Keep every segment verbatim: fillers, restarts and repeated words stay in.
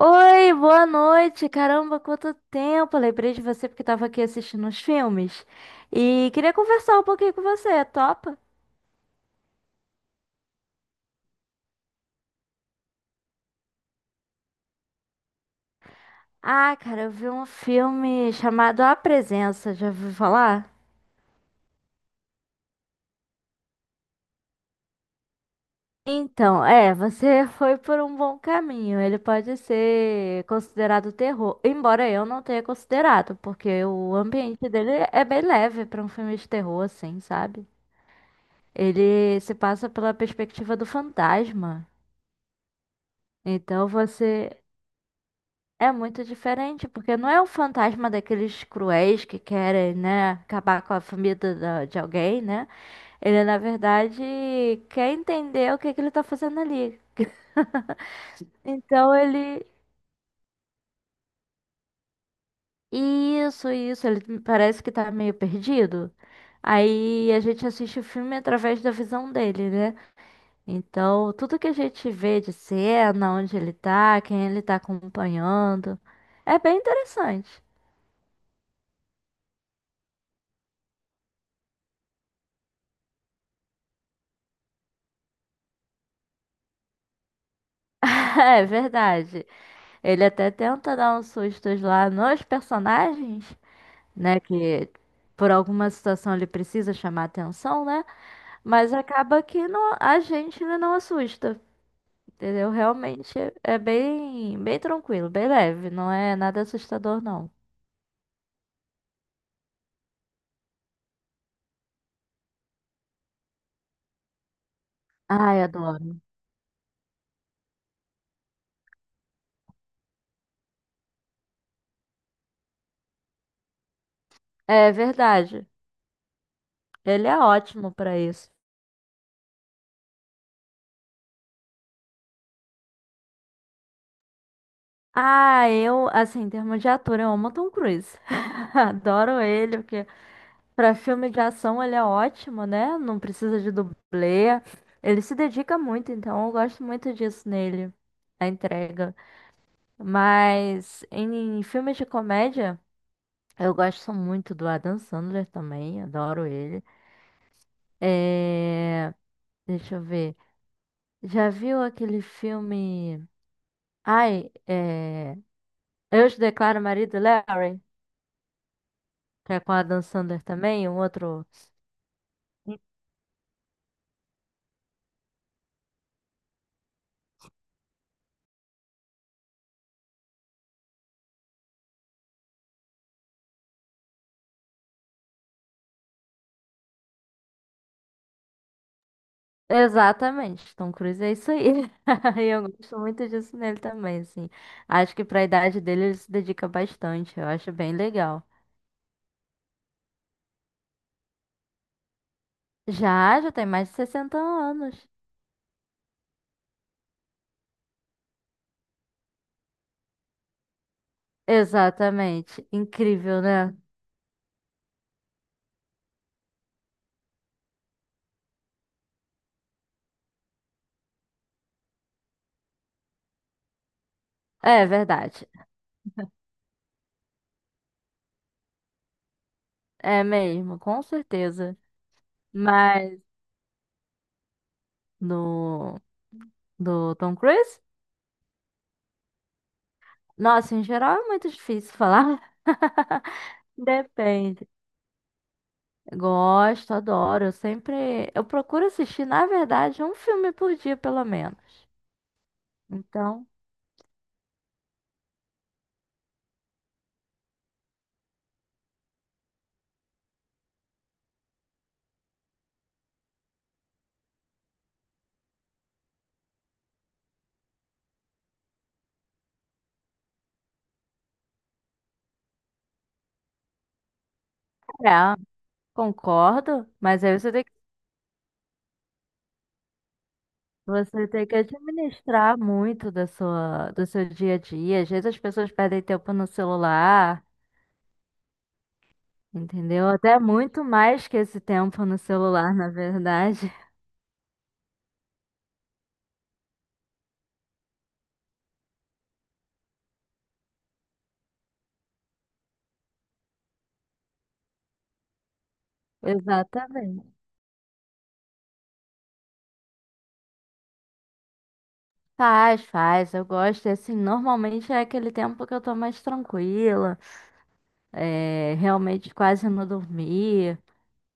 Oi, boa noite. Caramba, quanto tempo! Lembrei de você porque tava aqui assistindo uns filmes e queria conversar um pouquinho com você, topa? Ah, cara, eu vi um filme chamado A Presença, já ouviu falar? Então, é, você foi por um bom caminho. Ele pode ser considerado terror, embora eu não tenha considerado, porque o ambiente dele é bem leve pra um filme de terror, assim, sabe? Ele se passa pela perspectiva do fantasma. Então você. É muito diferente, porque não é o fantasma daqueles cruéis que querem, né, acabar com a família da- de alguém, né? Ele, na verdade, quer entender o que que ele tá fazendo ali. Então ele. Isso, isso, ele parece que tá meio perdido. Aí a gente assiste o filme através da visão dele, né? Então, tudo que a gente vê de cena, onde ele tá, quem ele tá acompanhando, é bem interessante. É verdade. Ele até tenta dar uns sustos lá nos personagens, né? Que por alguma situação ele precisa chamar atenção, né? Mas acaba que não- a gente ele não assusta, entendeu? Realmente é é bem, bem tranquilo, bem leve, não é nada assustador, não. Ai, adoro. É verdade. Ele é ótimo pra isso. Ah, eu, assim, em termos de ator, eu amo o Tom Cruise. Adoro ele, porque pra filme de ação ele é ótimo, né? Não precisa de dublê. Ele se dedica muito, então eu gosto muito disso nele, a entrega. Mas em filmes de comédia, eu gosto muito do Adam Sandler também, adoro ele. É. Deixa eu ver. Já viu aquele filme. Ai, é. Eu te declaro marido, Larry, que é com o Adam Sandler também, um outro. Exatamente, Tom Cruise é isso aí. E eu gosto muito disso nele também, assim. Acho que pra idade dele ele se dedica bastante, eu acho bem legal. Já, já tem mais de sessenta anos. Exatamente. Incrível, né? É verdade. É mesmo, com certeza. Mas no do Tom Cruise? Nossa, em geral é muito difícil falar. Depende. Gosto, adoro. Eu sempre. Eu procuro assistir, na verdade, um filme por dia, pelo menos. Então, é, concordo, mas aí você tem que, você tem que administrar muito da sua, do seu dia a dia. Às vezes as pessoas perdem tempo no celular, entendeu? Até muito mais que esse tempo no celular, na verdade. Exatamente. Faz, faz, eu gosto. E, assim, normalmente é aquele tempo que eu tô mais tranquila, é, realmente quase não dormi.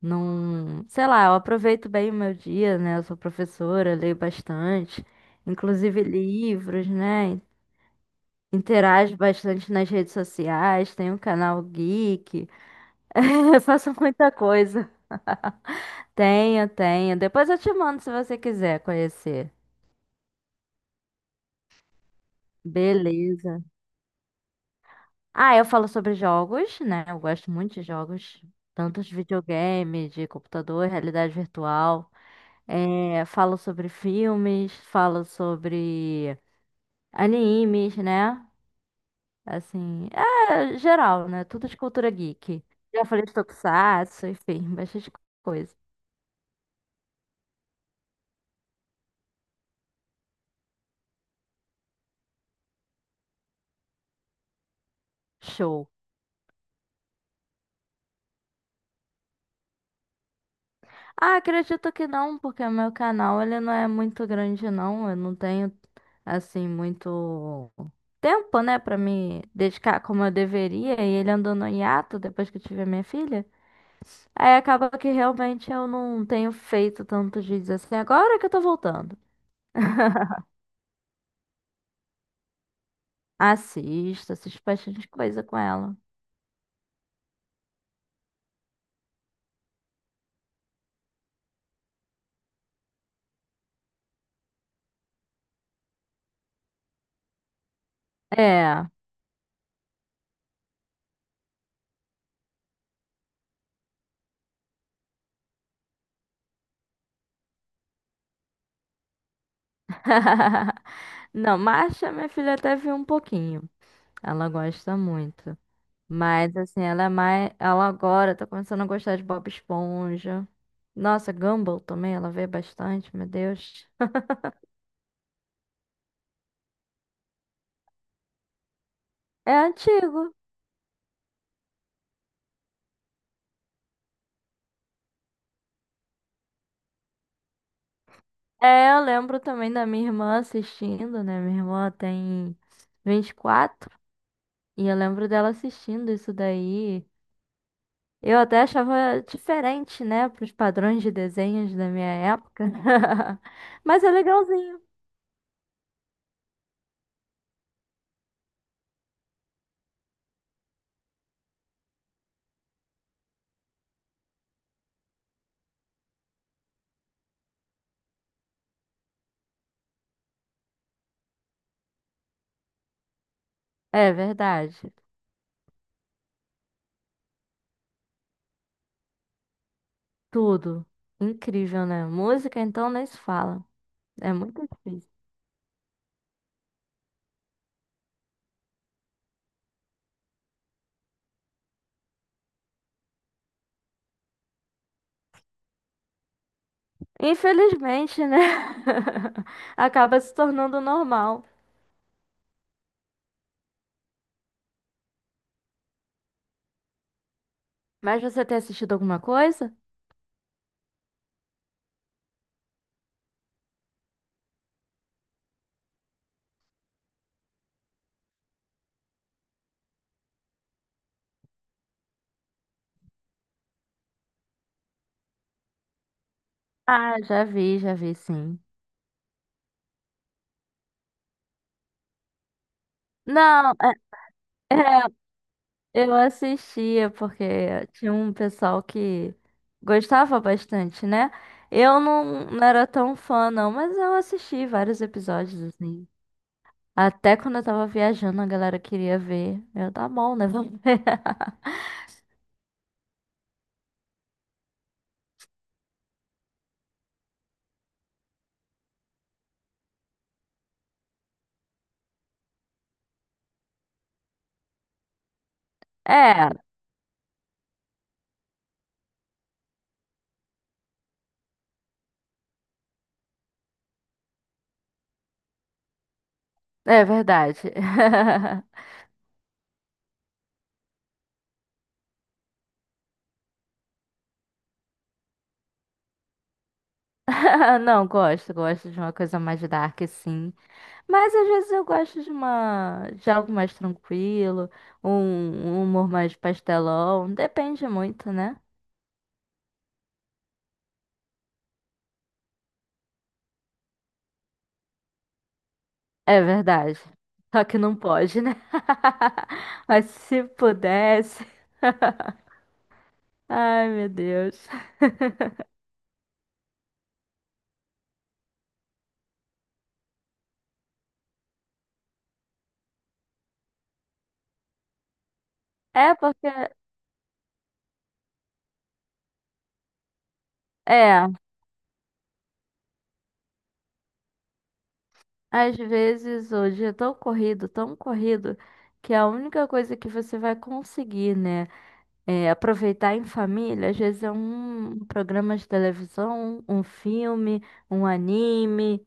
Não, sei lá, eu aproveito bem o meu dia, né? Eu sou professora, leio bastante, inclusive livros, né? Interajo bastante nas redes sociais, tenho um canal geek, eu faço muita coisa. Tenho, tenho. Depois eu te mando se você quiser conhecer. Beleza. Ah, eu falo sobre jogos, né? Eu gosto muito de jogos, tanto de videogame, de computador, realidade virtual. É, falo sobre filmes, falo sobre animes, né? Assim, é geral, né? Tudo de cultura geek. Já falei de tokusatsu, enfim, bastante coisa. Show. Ah, acredito que não, porque o meu canal ele não é muito grande, não. Eu não tenho, assim, muito tempo, né, pra me dedicar como eu deveria. E ele andou no hiato depois que eu tive a minha filha. Aí acaba que realmente eu não tenho feito tantos vídeos assim. Agora que eu tô voltando. Assisto, assisto bastante coisa com ela. É. Não, Marcha minha filha até viu um pouquinho. Ela gosta muito. Mas assim, ela é mais. Ela agora tá começando a gostar de Bob Esponja. Nossa, Gumball também, ela vê bastante, meu Deus. É antigo. É, eu lembro também da minha irmã assistindo, né? Minha irmã tem vinte e quatro e eu lembro dela assistindo isso daí. Eu até achava diferente, né, para os padrões de desenhos da minha época. Mas é legalzinho. É verdade. Tudo. Incrível, né? Música, então, nem se fala. É muito difícil. Infelizmente, né? Acaba se tornando normal. Mas você tem assistido alguma coisa? Ah, já vi, já vi, sim. Não, é. é Eu assistia porque tinha um pessoal que gostava bastante, né? Eu não, não era tão fã, não, mas eu assisti vários episódios, assim. Até quando eu tava viajando, a galera queria ver. Eu, tá bom, né? Vamos ver. É, é verdade. Não, gosto, gosto de uma coisa mais dark, sim. Mas às vezes eu gosto de uma, de algo mais tranquilo, um, um humor mais pastelão. Depende muito, né? É verdade. Só que não pode, né? Mas se pudesse. Ai, meu Deus. É porque, é, às vezes hoje é tão corrido, tão corrido, que a única coisa que você vai conseguir, né, é aproveitar em família, às vezes é um programa de televisão, um filme, um anime,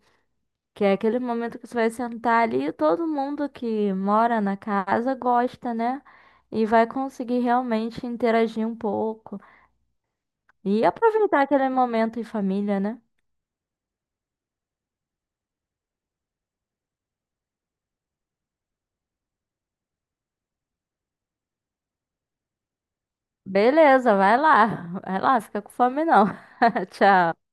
que é aquele momento que você vai sentar ali e todo mundo que mora na casa gosta, né? E vai conseguir realmente interagir um pouco e aproveitar aquele momento em família, né? Beleza, vai lá. Vai lá, fica com fome não. Tchau.